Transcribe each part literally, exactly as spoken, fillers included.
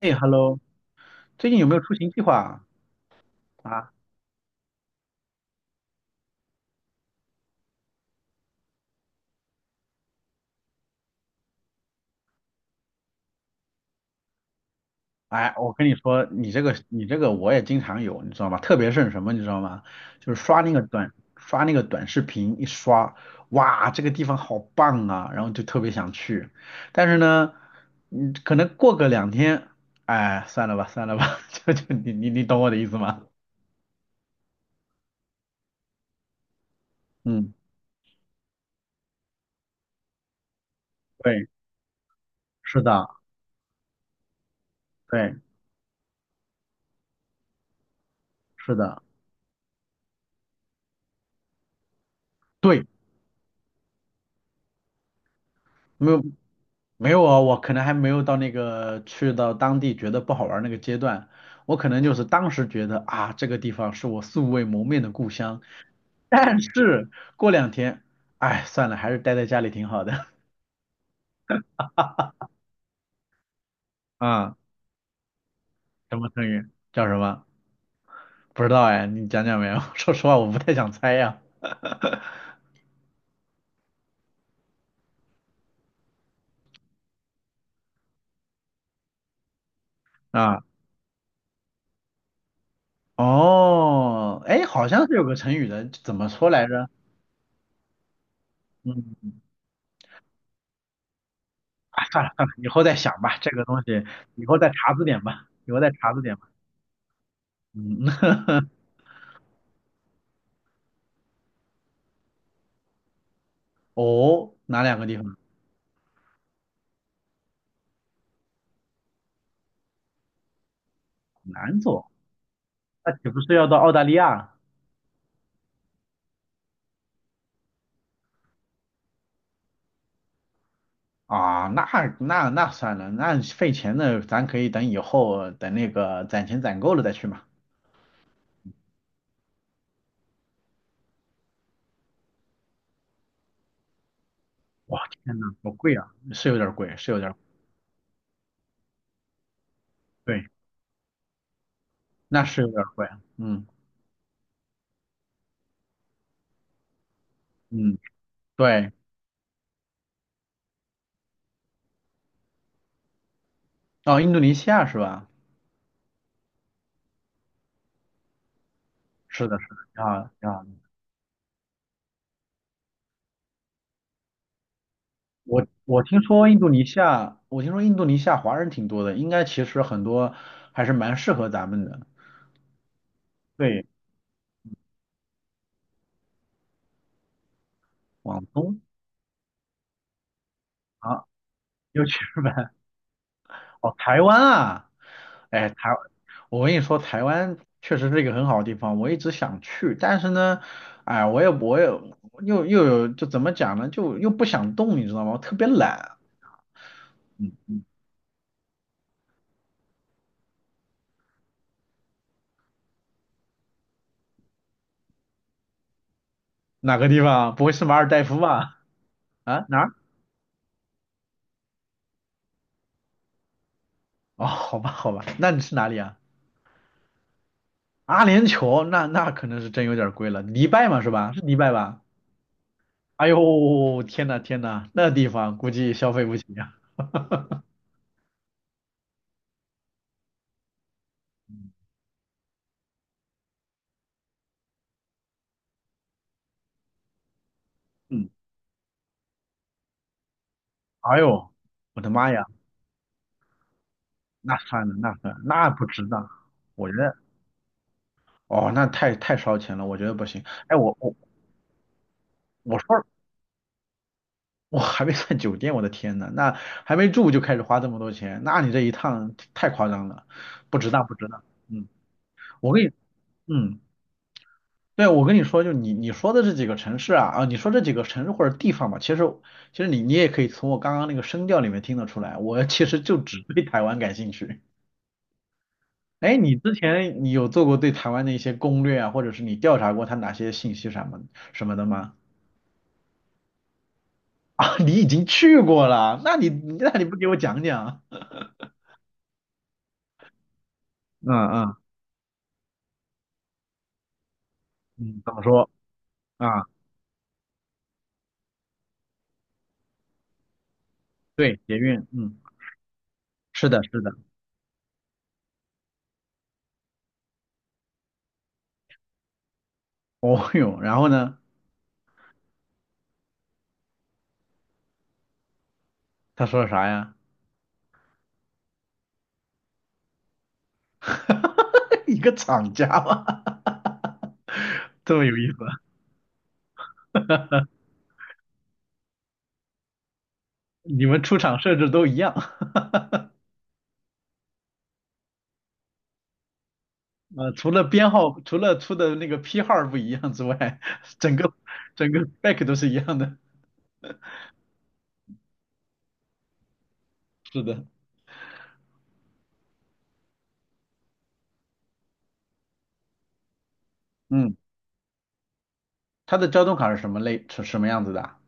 哎，Hello，最近有没有出行计划啊？啊，哎，我跟你说，你这个你这个我也经常有，你知道吗？特别是什么，你知道吗？就是刷那个短刷那个短视频，一刷，哇，这个地方好棒啊，然后就特别想去。但是呢，嗯，可能过个两天，哎，算了吧，算了吧，就就你你你懂我的意思吗？嗯，对，是的，对，是的，对，没有，没有啊，我可能还没有到那个去到当地觉得不好玩儿那个阶段，我可能就是当时觉得啊，这个地方是我素未谋面的故乡，但是过两天，哎，算了，还是待在家里挺好的。啊，什么成语？叫什么？不知道哎，你讲讲没有？说实话，我不太想猜呀。啊，哦，哎，好像是有个成语的，怎么说来着？嗯。哎，算了算了，以后再想吧，这个东西以后再查字典吧，以后再查字典吧。嗯，哦，哪两个地方？南走，那岂不是要到澳大利亚啊？那那那算了，那费钱的，咱可以等以后等那个攒钱攒够了再去嘛。哇，天呐，好贵啊，是有点贵，是有点贵，对，那是有点贵。嗯嗯，对，哦，印度尼西亚是吧？是的，是的，好，啊好。我我听说印度尼西亚，我听说印度尼西亚华人挺多的，应该其实很多还是蛮适合咱们的。对，往东啊，又去日本，哦，台湾啊，哎，台，我跟你说，台湾确实是一个很好的地方，我一直想去，但是呢，哎，我也我也又又有就怎么讲呢，就又不想动，你知道吗？我特别懒。嗯，哪个地方？不会是马尔代夫吧？啊，哪儿？哦，好吧，好吧，那你是哪里啊？阿联酋那那可能是真有点贵了，迪拜嘛是吧？是迪拜吧？哎呦，天呐天呐，那地方估计消费不起呀、嗯，哎呦，我的妈呀，那算了那算了，那不值当，我觉得哦那太太烧钱了，我觉得不行。哎我我我说我还没算酒店，我的天呐，那还没住就开始花这么多钱，那你这一趟太夸张了，不值当不值当。嗯，我跟你嗯。对，我跟你说，就你你说的这几个城市啊，啊，你说这几个城市或者地方吧，其实其实你你也可以从我刚刚那个声调里面听得出来，我其实就只对台湾感兴趣。哎，你之前你有做过对台湾的一些攻略啊，或者是你调查过他哪些信息什么什么的吗？啊，你已经去过了，那你那你不给我讲讲？嗯嗯嗯，怎么说啊？对，捷运，嗯，是的，是的。哦哟，然后呢？他说啥呀？一个厂家吗？这么有意思。你们出厂设置都一样，呃，除了编号，除了出的那个批号不一样之外，整个整个 back 都是一样的。是的，嗯，它的交通卡是什么类，是什么样子的啊？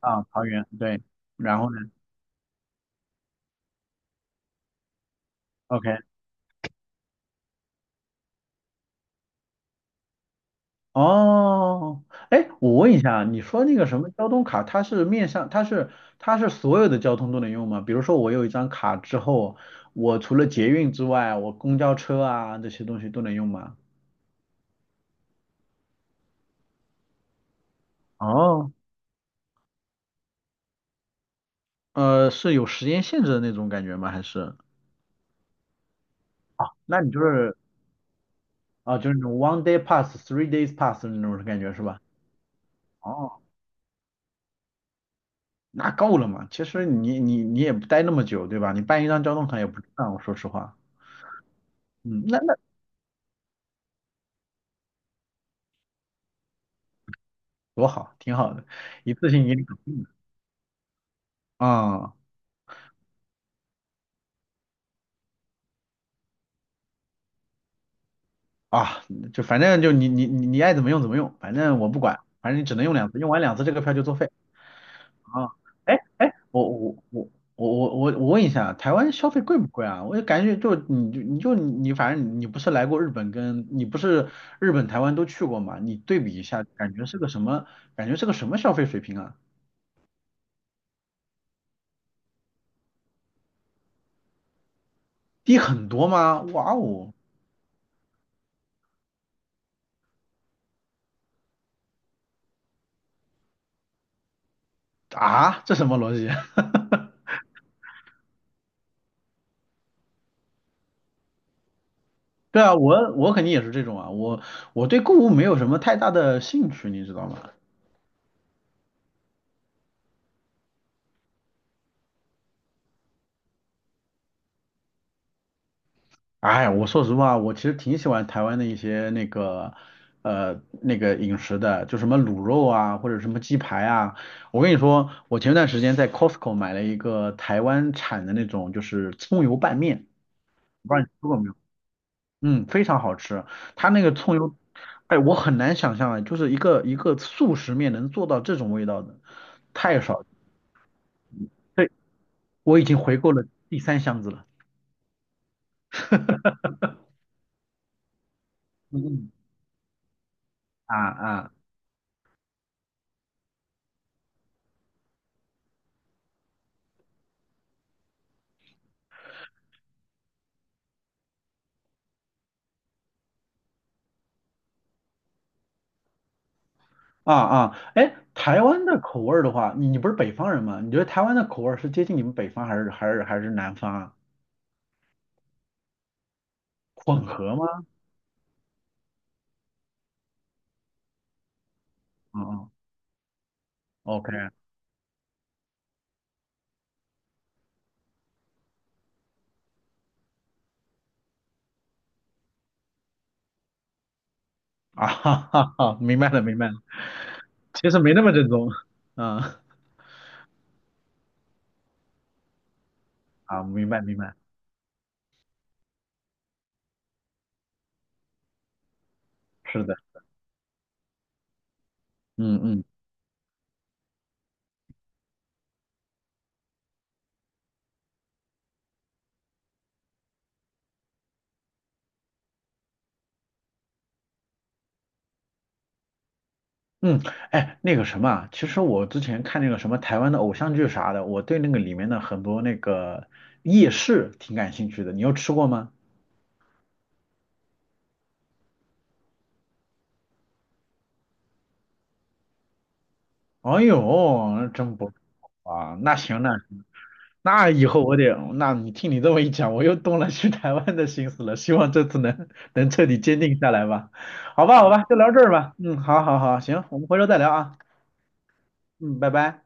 啊，桃园，对，然后呢？OK，哦，哎，我问一下啊，你说那个什么交通卡，它是面向，它是它是所有的交通都能用吗？比如说我有一张卡之后，我除了捷运之外，我公交车啊这些东西都能用吗？哦呃，是有时间限制的那种感觉吗？还是那你就是啊，就是那种 one day pass、three days pass 的那种感觉是吧？哦，那够了嘛？其实你你你也不待那么久，对吧？你办一张交通卡也不值当我说实话。嗯，那那多好，挺好的，一次性给你搞定了啊、啊，就反正就你你你你爱怎么用怎么用，反正我不管，反正你只能用两次，用完两次这个票就作废。啊，哎哎，我我我我我我我问一下，台湾消费贵不贵啊？我就感觉就你就你就你，反正你不是来过日本跟你不是日本、台湾都去过嘛？你对比一下，感觉是个什么？感觉是个什么消费水平啊？低很多吗？哇哦，啊，这什么逻辑？对啊，我我肯定也是这种啊，我我对购物没有什么太大的兴趣，你知道吗？哎，我说实话，我其实挺喜欢台湾的一些那个，呃，那个饮食的，就什么卤肉啊，或者什么鸡排啊。我跟你说，我前段时间在 Costco 买了一个台湾产的那种，就是葱油拌面，不知道你吃过没有？嗯，非常好吃。它那个葱油，哎，我很难想象啊，就是一个一个速食面能做到这种味道的，太少了。对，我已经回购了第三箱子了。嗯嗯。啊啊啊啊，哎，台湾的口味儿的话，你你不是北方人吗？你觉得台湾的口味儿是接近你们北方还是还是还是南方啊？混合吗？啊啊，OK 啊，哈哈哈，明白了明白了，其实没那么正宗，嗯啊，明白明白，是的，嗯嗯嗯，哎，那个什么啊其实我之前看那个什么台湾的偶像剧啥的，我对那个里面的很多那个夜市挺感兴趣的，你有吃过吗？哎呦，真不错啊，那行那。那以后我得，那你听你这么一讲，我又动了去台湾的心思了。希望这次能能彻底坚定下来吧。好吧，好吧，就聊这儿吧。嗯，好好好，行，我们回头再聊啊。嗯，拜拜。